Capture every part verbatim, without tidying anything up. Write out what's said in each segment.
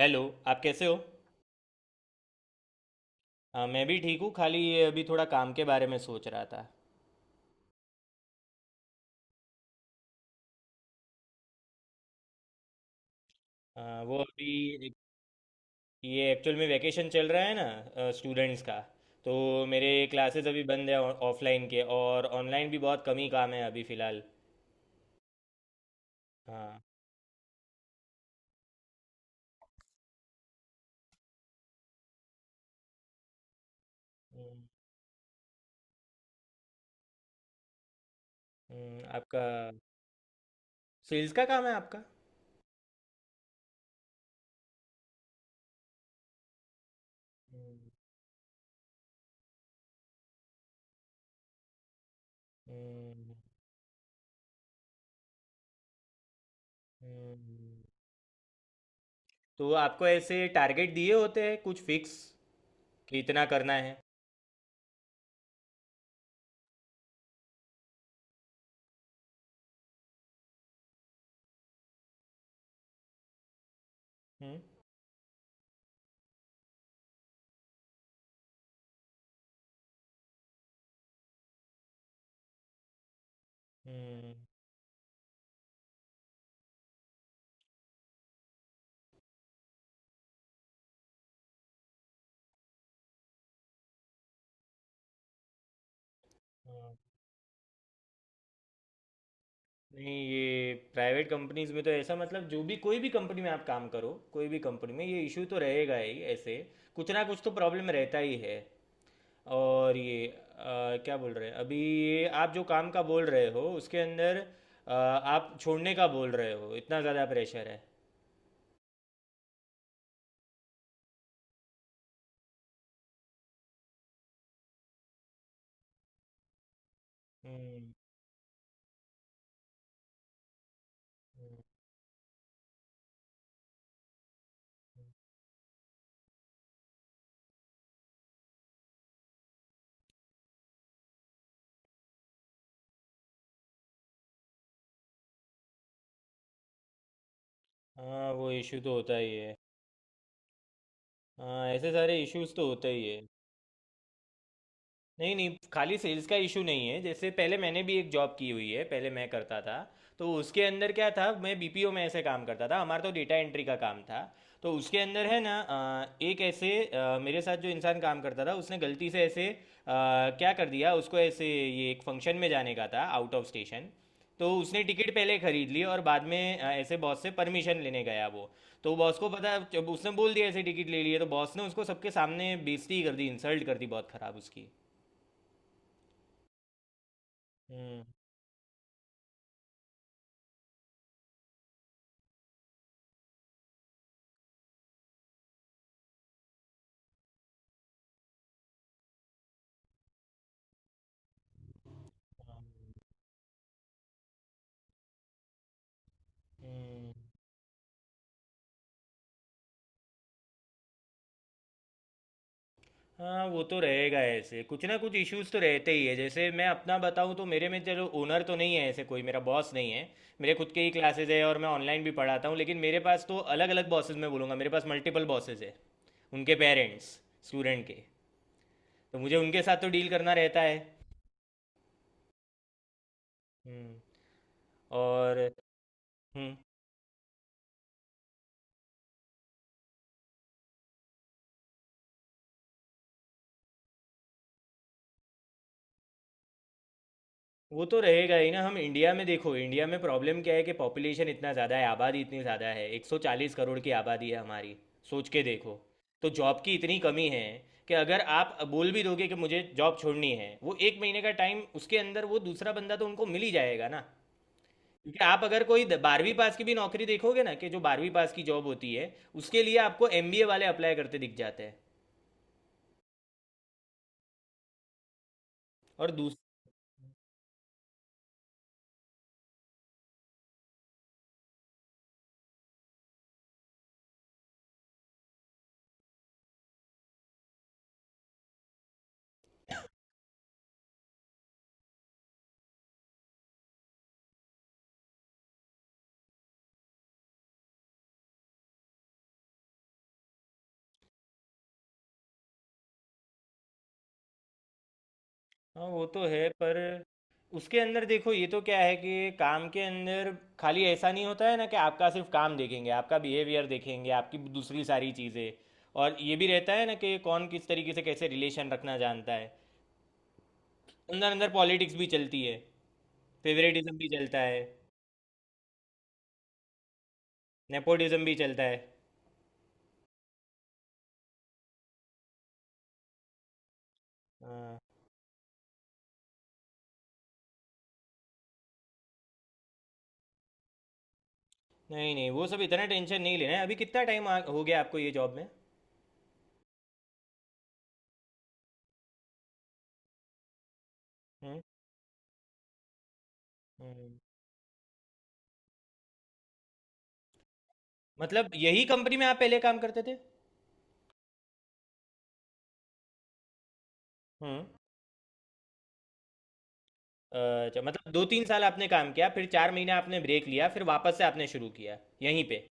Hello. आप कैसे हो? हाँ, मैं भी ठीक हूँ। खाली ये अभी थोड़ा काम के बारे में सोच रहा था। हाँ, वो अभी ये एक्चुअल में वैकेशन चल रहा है ना स्टूडेंट्स का, तो मेरे क्लासेस अभी बंद है। ऑफलाइन के, और ऑनलाइन भी बहुत कम ही काम है अभी फ़िलहाल। हाँ। हम्म, हम्म, आपका सेल्स का काम है आपका? हम्म, हम्म, हम्म। तो आपको ऐसे टारगेट दिए होते हैं कुछ फिक्स कि इतना करना है? हम्म। हम्म। हाँ। नहीं, ये प्राइवेट कंपनीज में तो ऐसा मतलब जो भी कोई भी कंपनी में आप काम करो, कोई भी कंपनी में ये इशू तो रहेगा ही ऐसे। कुछ ना कुछ तो प्रॉब्लम रहता ही है। और ये अ, क्या बोल रहे हैं अभी ये आप जो काम का बोल रहे हो उसके अंदर, अ, आप छोड़ने का बोल रहे हो? इतना ज़्यादा प्रेशर है? हम्म। हाँ, वो इशू तो होता ही है। हाँ, ऐसे सारे इश्यूज तो होते ही है। नहीं नहीं, खाली सेल्स का इशू नहीं है। जैसे पहले मैंने भी एक जॉब की हुई है, पहले मैं करता था। तो उसके अंदर क्या था, मैं बी पी ओ में ऐसे काम करता था, हमारा तो डेटा एंट्री का काम था। तो उसके अंदर है ना अ, एक ऐसे, अ, मेरे साथ जो इंसान काम करता था, उसने गलती से ऐसे अ, क्या कर दिया, उसको ऐसे ये एक फंक्शन में जाने का था आउट ऑफ स्टेशन। तो उसने टिकट पहले खरीद ली और बाद में अ, ऐसे बॉस से परमिशन लेने गया वो। तो बॉस को पता जब उसने बोल दिया ऐसे टिकट ले लिए, तो बॉस ने उसको सबके सामने बेइज्जती कर दी, इंसल्ट कर दी बहुत खराब उसकी। हम्म। हम्म, हाँ वो तो रहेगा ऐसे। कुछ ना कुछ इश्यूज तो रहते ही है। जैसे मैं अपना बताऊँ, तो मेरे में चलो ओनर तो नहीं है ऐसे, कोई मेरा बॉस नहीं है। मेरे खुद के ही क्लासेज है और मैं ऑनलाइन भी पढ़ाता हूँ, लेकिन मेरे पास तो अलग अलग बॉसेज, मैं बोलूँगा मेरे पास मल्टीपल बॉसेज है। उनके पेरेंट्स, स्टूडेंट के। तो मुझे उनके साथ तो डील करना रहता है। हम्म। और हम्म, वो तो रहेगा ही ना। हम इंडिया में देखो, इंडिया में प्रॉब्लम क्या है कि पॉपुलेशन इतना ज़्यादा है, आबादी इतनी ज़्यादा है, एक सौ चालीस करोड़ की आबादी है हमारी। सोच के देखो। तो जॉब की इतनी कमी है कि अगर आप बोल भी दोगे कि मुझे जॉब छोड़नी है, वो एक महीने का टाइम उसके अंदर वो दूसरा बंदा तो उनको मिल ही जाएगा ना। क्योंकि आप अगर कोई द- बारहवीं पास की भी नौकरी देखोगे ना, कि जो बारहवीं पास की जॉब होती है, उसके लिए आपको एम बी ए वाले अप्लाई करते दिख जाते हैं। और दूस हाँ, वो तो है। पर उसके अंदर देखो, ये तो क्या है कि काम के अंदर खाली ऐसा नहीं होता है ना कि आपका सिर्फ काम देखेंगे। आपका बिहेवियर देखेंगे, आपकी दूसरी सारी चीज़ें। और ये भी रहता है ना कि कौन किस तरीके से कैसे रिलेशन रखना जानता है। अंदर अंदर पॉलिटिक्स भी चलती है, फेवरेटिज्म भी चलता है, नेपोटिज्म भी चलता है। हाँ। नहीं नहीं, वो सब इतना टेंशन नहीं लेना है। अभी कितना टाइम हो गया आपको ये जॉब में? हम्म। हम्म। मतलब यही कंपनी में आप पहले काम करते थे? हम्म। अच्छा, मतलब दो तीन साल आपने काम किया, फिर चार महीने आपने ब्रेक लिया, फिर वापस से आपने शुरू किया यहीं पे?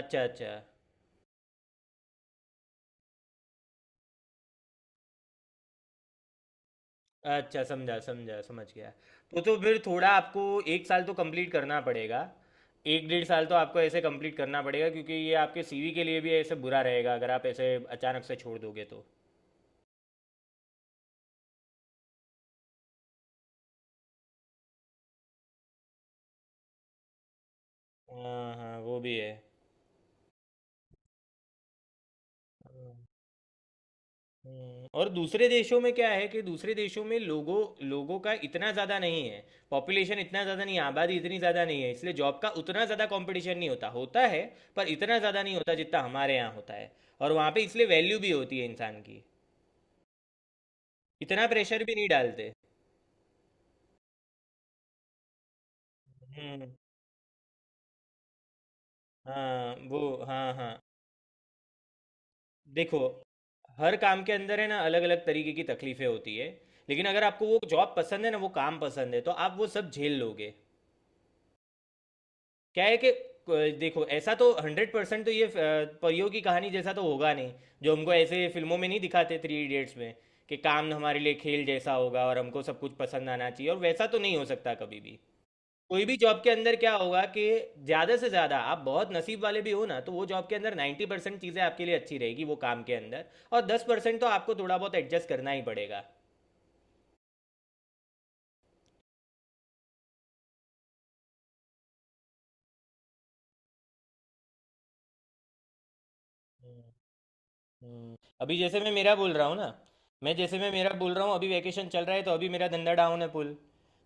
अच्छा, अच्छा। अच्छा, समझा समझा, समझ गया। तो तो फिर थोड़ा आपको एक साल तो कंप्लीट करना पड़ेगा। एक डेढ़ साल तो आपको ऐसे कंप्लीट करना पड़ेगा, क्योंकि ये आपके सी वी के लिए भी ऐसे बुरा रहेगा अगर आप ऐसे अचानक से छोड़ दोगे तो। हाँ हाँ, वो भी है। हाँ। हम्म, और दूसरे देशों में क्या है कि दूसरे देशों में लोगों लोगों का इतना ज़्यादा नहीं है। पॉपुलेशन इतना ज़्यादा नहीं है, आबादी इतनी ज़्यादा नहीं है, इसलिए जॉब का उतना ज़्यादा कंपटीशन नहीं होता होता है। पर इतना ज़्यादा नहीं होता जितना हमारे यहाँ होता है। और वहाँ पे इसलिए वैल्यू भी होती है इंसान की। इतना प्रेशर भी नहीं डालते। हम्म। हाँ वो, हाँ हाँ। देखो, हर काम के अंदर है ना अलग अलग तरीके की तकलीफें होती है। लेकिन अगर आपको वो जॉब पसंद है ना, वो काम पसंद है, तो आप वो सब झेल लोगे। क्या है कि, क- देखो ऐसा तो हंड्रेड परसेंट तो ये अ, परियों की कहानी जैसा तो होगा नहीं। जो हमको ऐसे फिल्मों में नहीं दिखाते थ्री इडियट्स में, कि काम हमारे लिए खेल जैसा होगा और हमको सब कुछ पसंद आना चाहिए, और वैसा तो नहीं हो सकता कभी भी। कोई भी जॉब के अंदर क्या होगा कि ज़्यादा से ज़्यादा आप बहुत नसीब वाले भी हो ना, तो वो जॉब के अंदर नाइन्टी परसेंट चीज़ें आपके लिए अच्छी रहेगी वो काम के अंदर। और दस परसेंट तो आपको थोड़ा बहुत एडजस्ट करना ही पड़ेगा। हम्म, अभी जैसे मैं मेरा बोल रहा हूँ ना, मैं जैसे मैं मेरा बोल रहा हूँ, अभी वैकेशन चल रहा है तो अभी मेरा धंधा डाउन है पुल।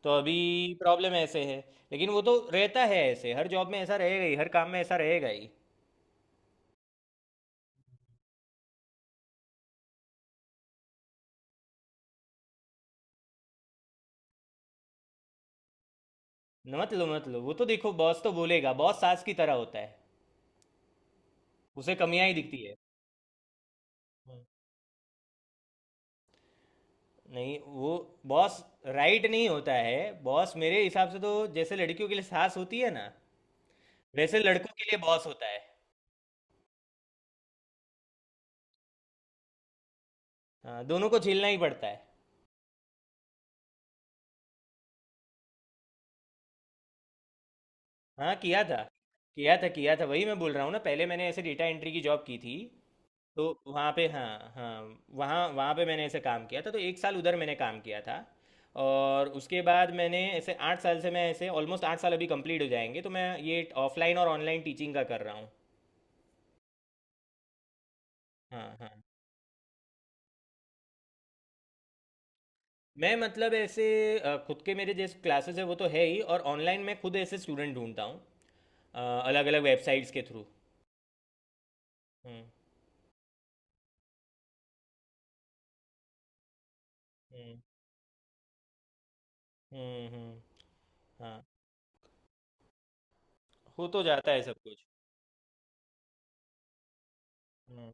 तो अभी प्रॉब्लम ऐसे है। लेकिन वो तो रहता है ऐसे, हर जॉब में ऐसा रहेगा ही, हर काम में ऐसा रहेगा ही। न- मत लो मत लो, वो तो देखो बॉस तो बोलेगा। बॉस सास की तरह होता है, उसे कमियां ही दिखती है। हम्म। नहीं, वो बॉस राइट नहीं होता है। बॉस मेरे हिसाब से तो जैसे लड़कियों के लिए सास होती है ना, वैसे लड़कों के लिए बॉस होता है। हाँ, दोनों को झेलना ही पड़ता है। हाँ किया था किया था किया था। वही मैं बोल रहा हूँ ना, पहले मैंने ऐसे डेटा एंट्री की जॉब की थी। तो वहाँ पे, हाँ हाँ, वहाँ वहाँ पे मैंने ऐसे काम किया था। तो एक साल उधर मैंने काम किया था, और उसके बाद मैंने ऐसे आठ साल से, मैं ऐसे ऑलमोस्ट आठ साल अभी कंप्लीट हो जाएंगे, तो मैं ये ऑफलाइन और ऑनलाइन टीचिंग का कर रहा हूँ। हाँ हाँ। मैं मतलब ऐसे, अ, खुद के मेरे जैसे क्लासेस है वो तो है ही, और ऑनलाइन मैं खुद ऐसे स्टूडेंट ढूंढता हूँ अलग अलग वेबसाइट्स के थ्रू। हम्म। हम्म, हम्म, हम्म, हाँ। हो तो जाता है सब कुछ। हम्म।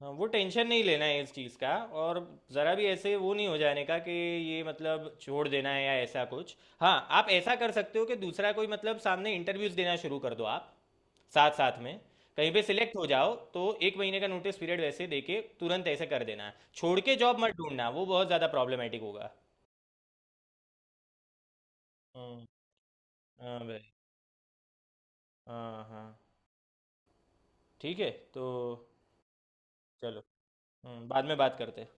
हाँ, वो टेंशन नहीं लेना है इस चीज़ का। और ज़रा भी ऐसे वो नहीं हो जाने का कि ये मतलब छोड़ देना है या ऐसा कुछ। हाँ, आप ऐसा कर सकते हो कि दूसरा कोई मतलब सामने इंटरव्यूज़ देना शुरू कर दो आप साथ साथ में। कहीं पे सिलेक्ट हो जाओ तो एक महीने का नोटिस पीरियड वैसे दे के तुरंत ऐसे कर देना। छोड़ के जॉब मत ढूंढना, वो बहुत ज़्यादा प्रॉब्लमेटिक होगा। हाँ। हाँ भाई, हाँ हाँ। ठीक है तो चलो। हम्म, बाद में बात करते हैं।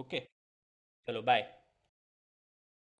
ओके। चलो, बाय।